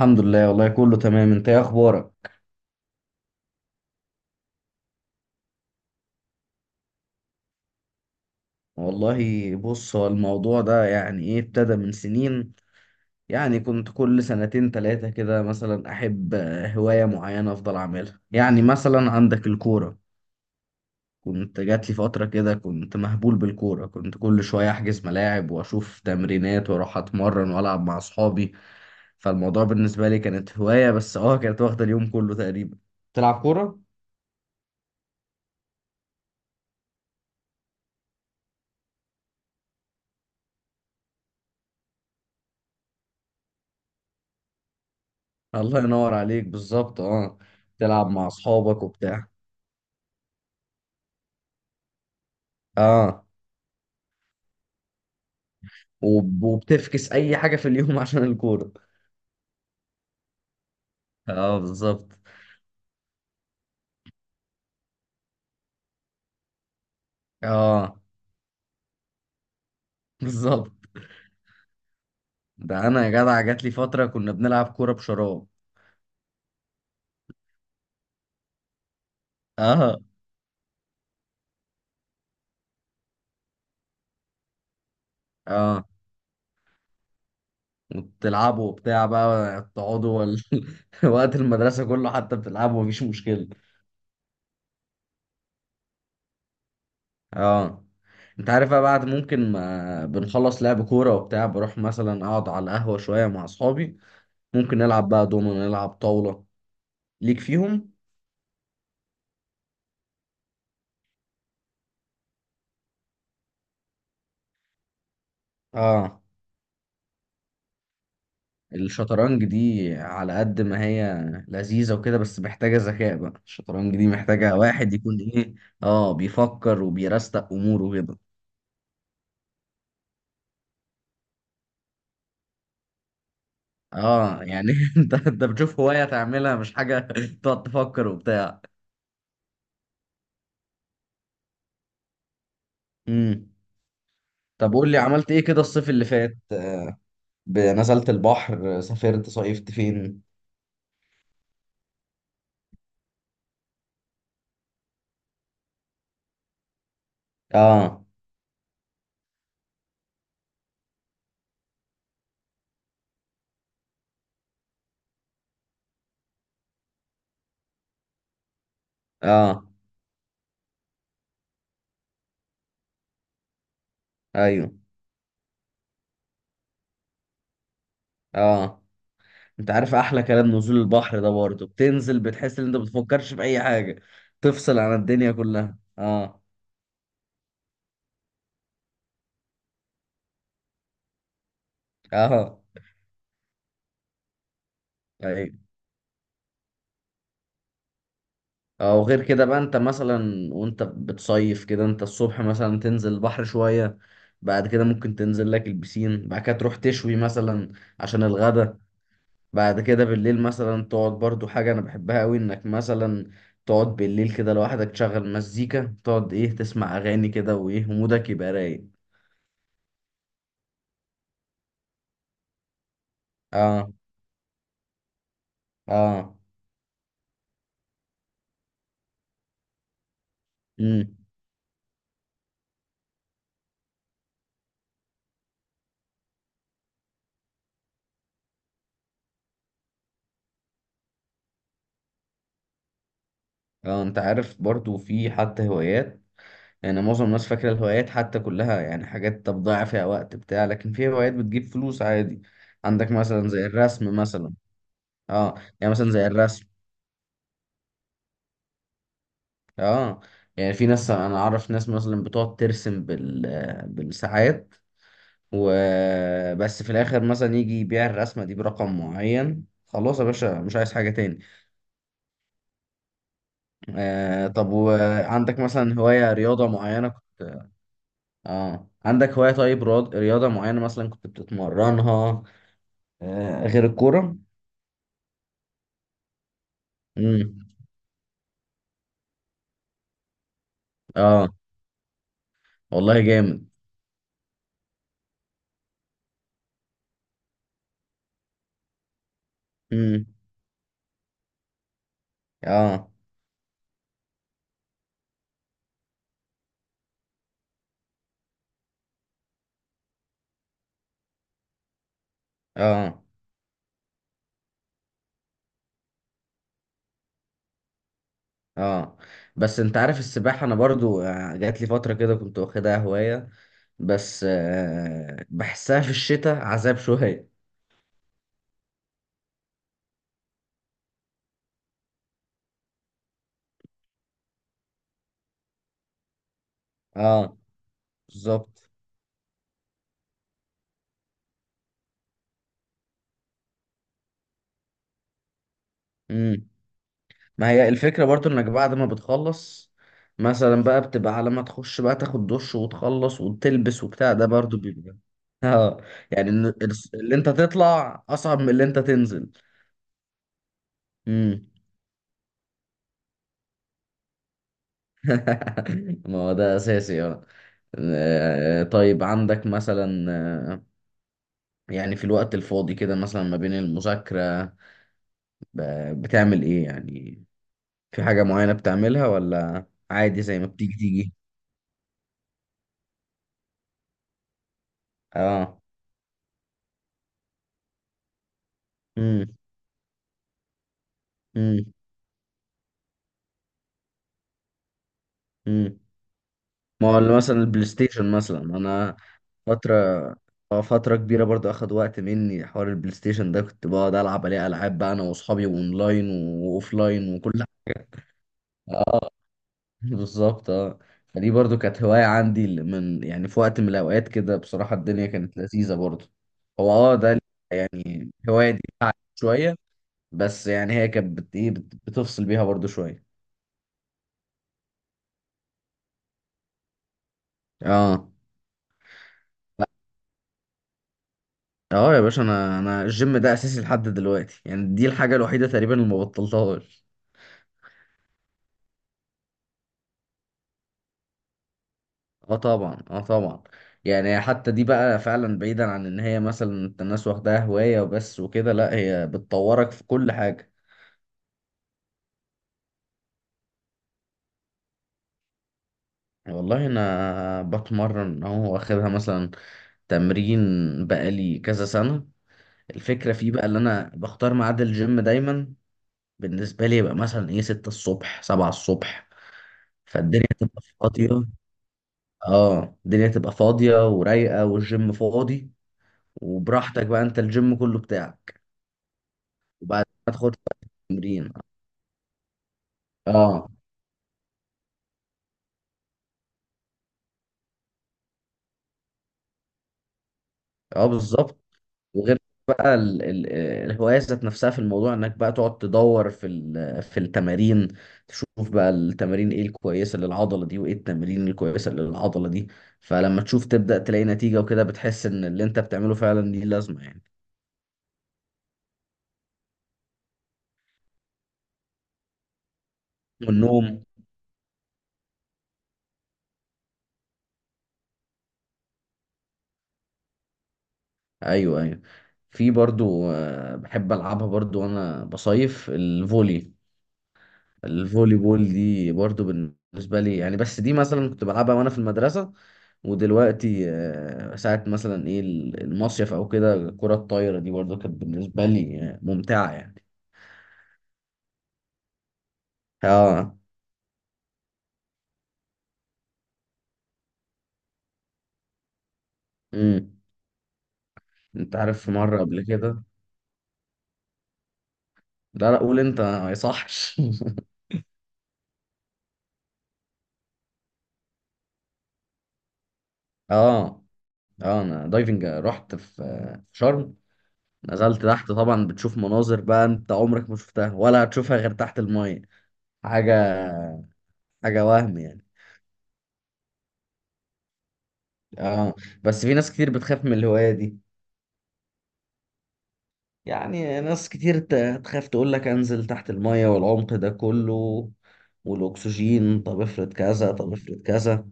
الحمد لله، والله كله تمام. انت ايه اخبارك؟ والله بص، هو الموضوع ده يعني ايه، ابتدى من سنين. يعني كنت كل سنتين تلاتة كده مثلا احب هواية معينة افضل اعملها. يعني مثلا عندك الكورة، كنت جات لي فترة كده كنت مهبول بالكورة، كنت كل شوية احجز ملاعب واشوف تمرينات واروح اتمرن والعب مع اصحابي. فالموضوع بالنسبة لي كانت هواية، بس اه كانت واخدة اليوم كله تقريبا. تلعب كورة. الله ينور عليك، بالظبط اه. تلعب مع اصحابك وبتاع. اه، وبتفكس اي حاجه في اليوم عشان الكوره. اه بالظبط. اه بالظبط. ده انا يا جدع جات لي فتره كنا بنلعب كوره بشراب. اه. اه. وبتلعبوا وبتاع بقى تقعدوا وقت المدرسه كله حتى بتلعبوا، مفيش مشكله. اه. انت عارف بقى، بعد ممكن ما بنخلص لعب كوره وبتاع بروح مثلا اقعد على القهوه شويه مع اصحابي. ممكن نلعب بقى دومينو، نلعب طاوله، ليك فيهم. اه، الشطرنج دي على قد ما هي لذيذة وكده، بس محتاجة ذكاء. بقى الشطرنج دي محتاجة واحد يكون ايه، اه، بيفكر وبيرستق اموره كده. اه يعني انت بتشوف هواية تعملها، مش حاجة تقعد تفكر وبتاع. امم. طب قول لي عملت ايه كده الصيف اللي فات؟ نزلت البحر؟ سافرت؟ صيفت فين؟ اه. اه. ايوه. اه، انت عارف احلى كلام نزول البحر ده، برضه بتنزل بتحس ان انت بتفكرش في اي حاجه. تفصل عن الدنيا كلها، اه. اه. ايوه. اه، وغير كده بقى انت مثلا وانت بتصيف كده، انت الصبح مثلا تنزل البحر شويه، بعد كده ممكن تنزل لك البسين، بعد كده تروح تشوي مثلا عشان الغدا. بعد كده بالليل مثلا تقعد، برضو حاجه انا بحبها قوي انك مثلا تقعد بالليل كده لوحدك، تشغل مزيكا، تقعد ايه، تسمع اغاني كده وايه، ومودك يبقى رايق. اه. اه. امم. اه، انت عارف برضو في حتى هوايات، يعني معظم الناس فاكره الهوايات حتى كلها يعني حاجات تضيع فيها وقت بتاع لكن في هوايات بتجيب فلوس عادي. عندك مثلا زي الرسم مثلا. اه، يعني مثلا زي الرسم. اه، يعني في ناس، انا اعرف ناس مثلا بتقعد ترسم بال، بالساعات وبس، في الاخر مثلا يجي يبيع الرسمه دي برقم معين، خلاص يا باشا مش عايز حاجه تاني. آه، طب وعندك مثلا هوايه رياضه معينه؟ اه، عندك هواية طيب رياضة معينة مثلا كنت بتتمرنها غير الكورة؟ امم. اه، والله جامد. امم. اه. اه. اه، بس انت عارف السباحة، انا برضو جات لي فترة كده كنت واخدها هواية، بس آه بحسها في الشتاء عذاب شوية. اه بالظبط. ما هي الفكرة برضو انك بعد ما بتخلص مثلا بقى بتبقى على ما تخش بقى تاخد دش وتخلص وتلبس وبتاع، ده برضو بيبقى. اه يعني اللي انت تطلع اصعب من اللي انت تنزل. امم. ما هو ده اساسي، اه. طيب عندك مثلا يعني في الوقت الفاضي كده مثلا ما بين المذاكرة، بتعمل ايه يعني؟ في حاجة معينة بتعملها ولا عادي زي ما بتيجي تيجي؟ اه. امم. امم، ما هو اللي مثلا البلاي ستيشن مثلا، انا فترة، اه فترة كبيرة برضو اخد وقت مني حوار البلاي ستيشن ده، كنت بقعد العب عليه العاب بقى انا واصحابي اونلاين واوفلاين وكل حاجة. اه بالظبط اه. فدي برضو كانت هواية عندي، اللي من يعني في وقت من الاوقات كده بصراحة الدنيا كانت لذيذة برضو. هو اه ده الهواية دي بتاعت شوية، بس يعني هي كانت بتفصل بيها برضو شوية. اه. اه يا باشا، انا الجيم ده اساسي لحد دلوقتي، يعني دي الحاجه الوحيده تقريبا اللي ما بطلتهاش. اه طبعا اه طبعا. يعني حتى دي بقى فعلا، بعيدا عن ان هي مثلا انت الناس واخداها هوايه وبس وكده، لا هي بتطورك في كل حاجه. يعني والله انا بتمرن اهو، واخدها مثلا تمرين بقالي كذا سنه. الفكره فيه بقى اللي انا بختار ميعاد الجيم دايما بالنسبه لي يبقى مثلا ايه 6 الصبح، 7 الصبح، فالدنيا تبقى فاضيه. اه، الدنيا تبقى فاضية ورايقة، والجيم فاضي، وبراحتك بقى، انت الجيم كله بتاعك. وبعد ما تاخد تمرين. اه. اه بالظبط. وغير بقى الهواية ذات نفسها، في الموضوع انك بقى تقعد تدور في التمارين، تشوف بقى التمارين ايه الكويسة للعضلة دي، وايه التمارين الكويسة للعضلة دي. فلما تشوف تبدأ تلاقي نتيجة وكده، بتحس ان اللي انت بتعمله فعلا ليه لازمة يعني. والنوم. ايوه، ايوه. في برضو بحب العبها برضو وانا بصيف، الفولي، الفولي بول دي برضو بالنسبه لي يعني، بس دي مثلا كنت بلعبها وانا في المدرسه، ودلوقتي ساعه مثلا ايه المصيف او كده. الكره الطايره دي برضو كانت بالنسبه لي ممتعه يعني. اه. امم. انت عارف في مره قبل كده. لا لا قول انت، ما يصحش. اه. اه، انا دايفنج رحت في في شرم، نزلت تحت، طبعا بتشوف مناظر بقى انت عمرك ما شفتها ولا هتشوفها غير تحت المية. حاجة، حاجة وهم يعني. اه. بس في ناس كتير بتخاف من الهواية دي، يعني ناس كتير تخاف تقول لك انزل تحت المية والعمق ده كله والاكسجين، طب افرض كذا، طب افرض كذا.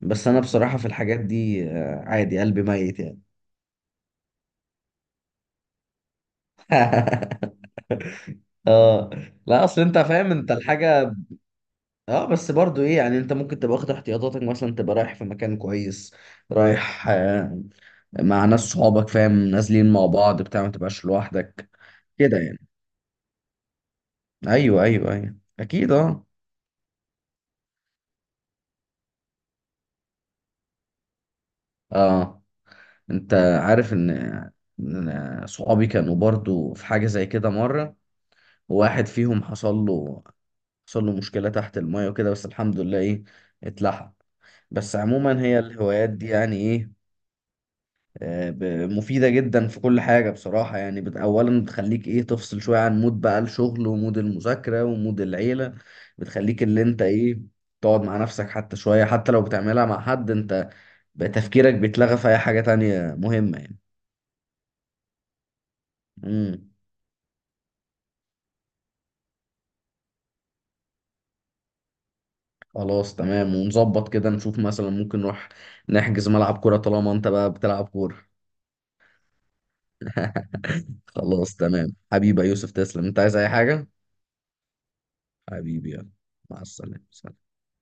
بس انا بصراحة في الحاجات دي عادي، قلبي ميت يعني. اه. لا اصل انت فاهم انت الحاجة، اه، بس برضو ايه يعني، انت ممكن تبقى واخد احتياطاتك، مثلا تبقى رايح في مكان كويس، رايح مع ناس صحابك فاهم، نازلين مع بعض بتاع ما تبقاش لوحدك كده يعني. ايوه ايوه ايوه اكيد اه. اه، انت عارف ان، إن صحابي كانوا برضو في حاجة زي كده مرة، وواحد فيهم حصل له مشكلة تحت المية وكده، بس الحمد لله ايه، اتلحق. بس عموما هي الهوايات دي يعني ايه، آه، ب- مفيدة جدا في كل حاجة بصراحة. يعني أولا بتخليك إيه، تفصل شوية عن مود بقى الشغل ومود المذاكرة ومود العيلة. بتخليك اللي أنت إيه، تقعد مع نفسك حتى شوية، حتى لو بتعملها مع حد، أنت بقى تفكيرك بيتلغى في أي حاجة تانية مهمة يعني. امم. خلاص تمام، ونظبط كده نشوف مثلا ممكن نروح نحجز ملعب كورة طالما أنت بقى بتلعب كورة. خلاص تمام حبيبي يا يوسف، تسلم. أنت عايز أي حاجة؟ حبيبي يلا، مع السلامة، سلام.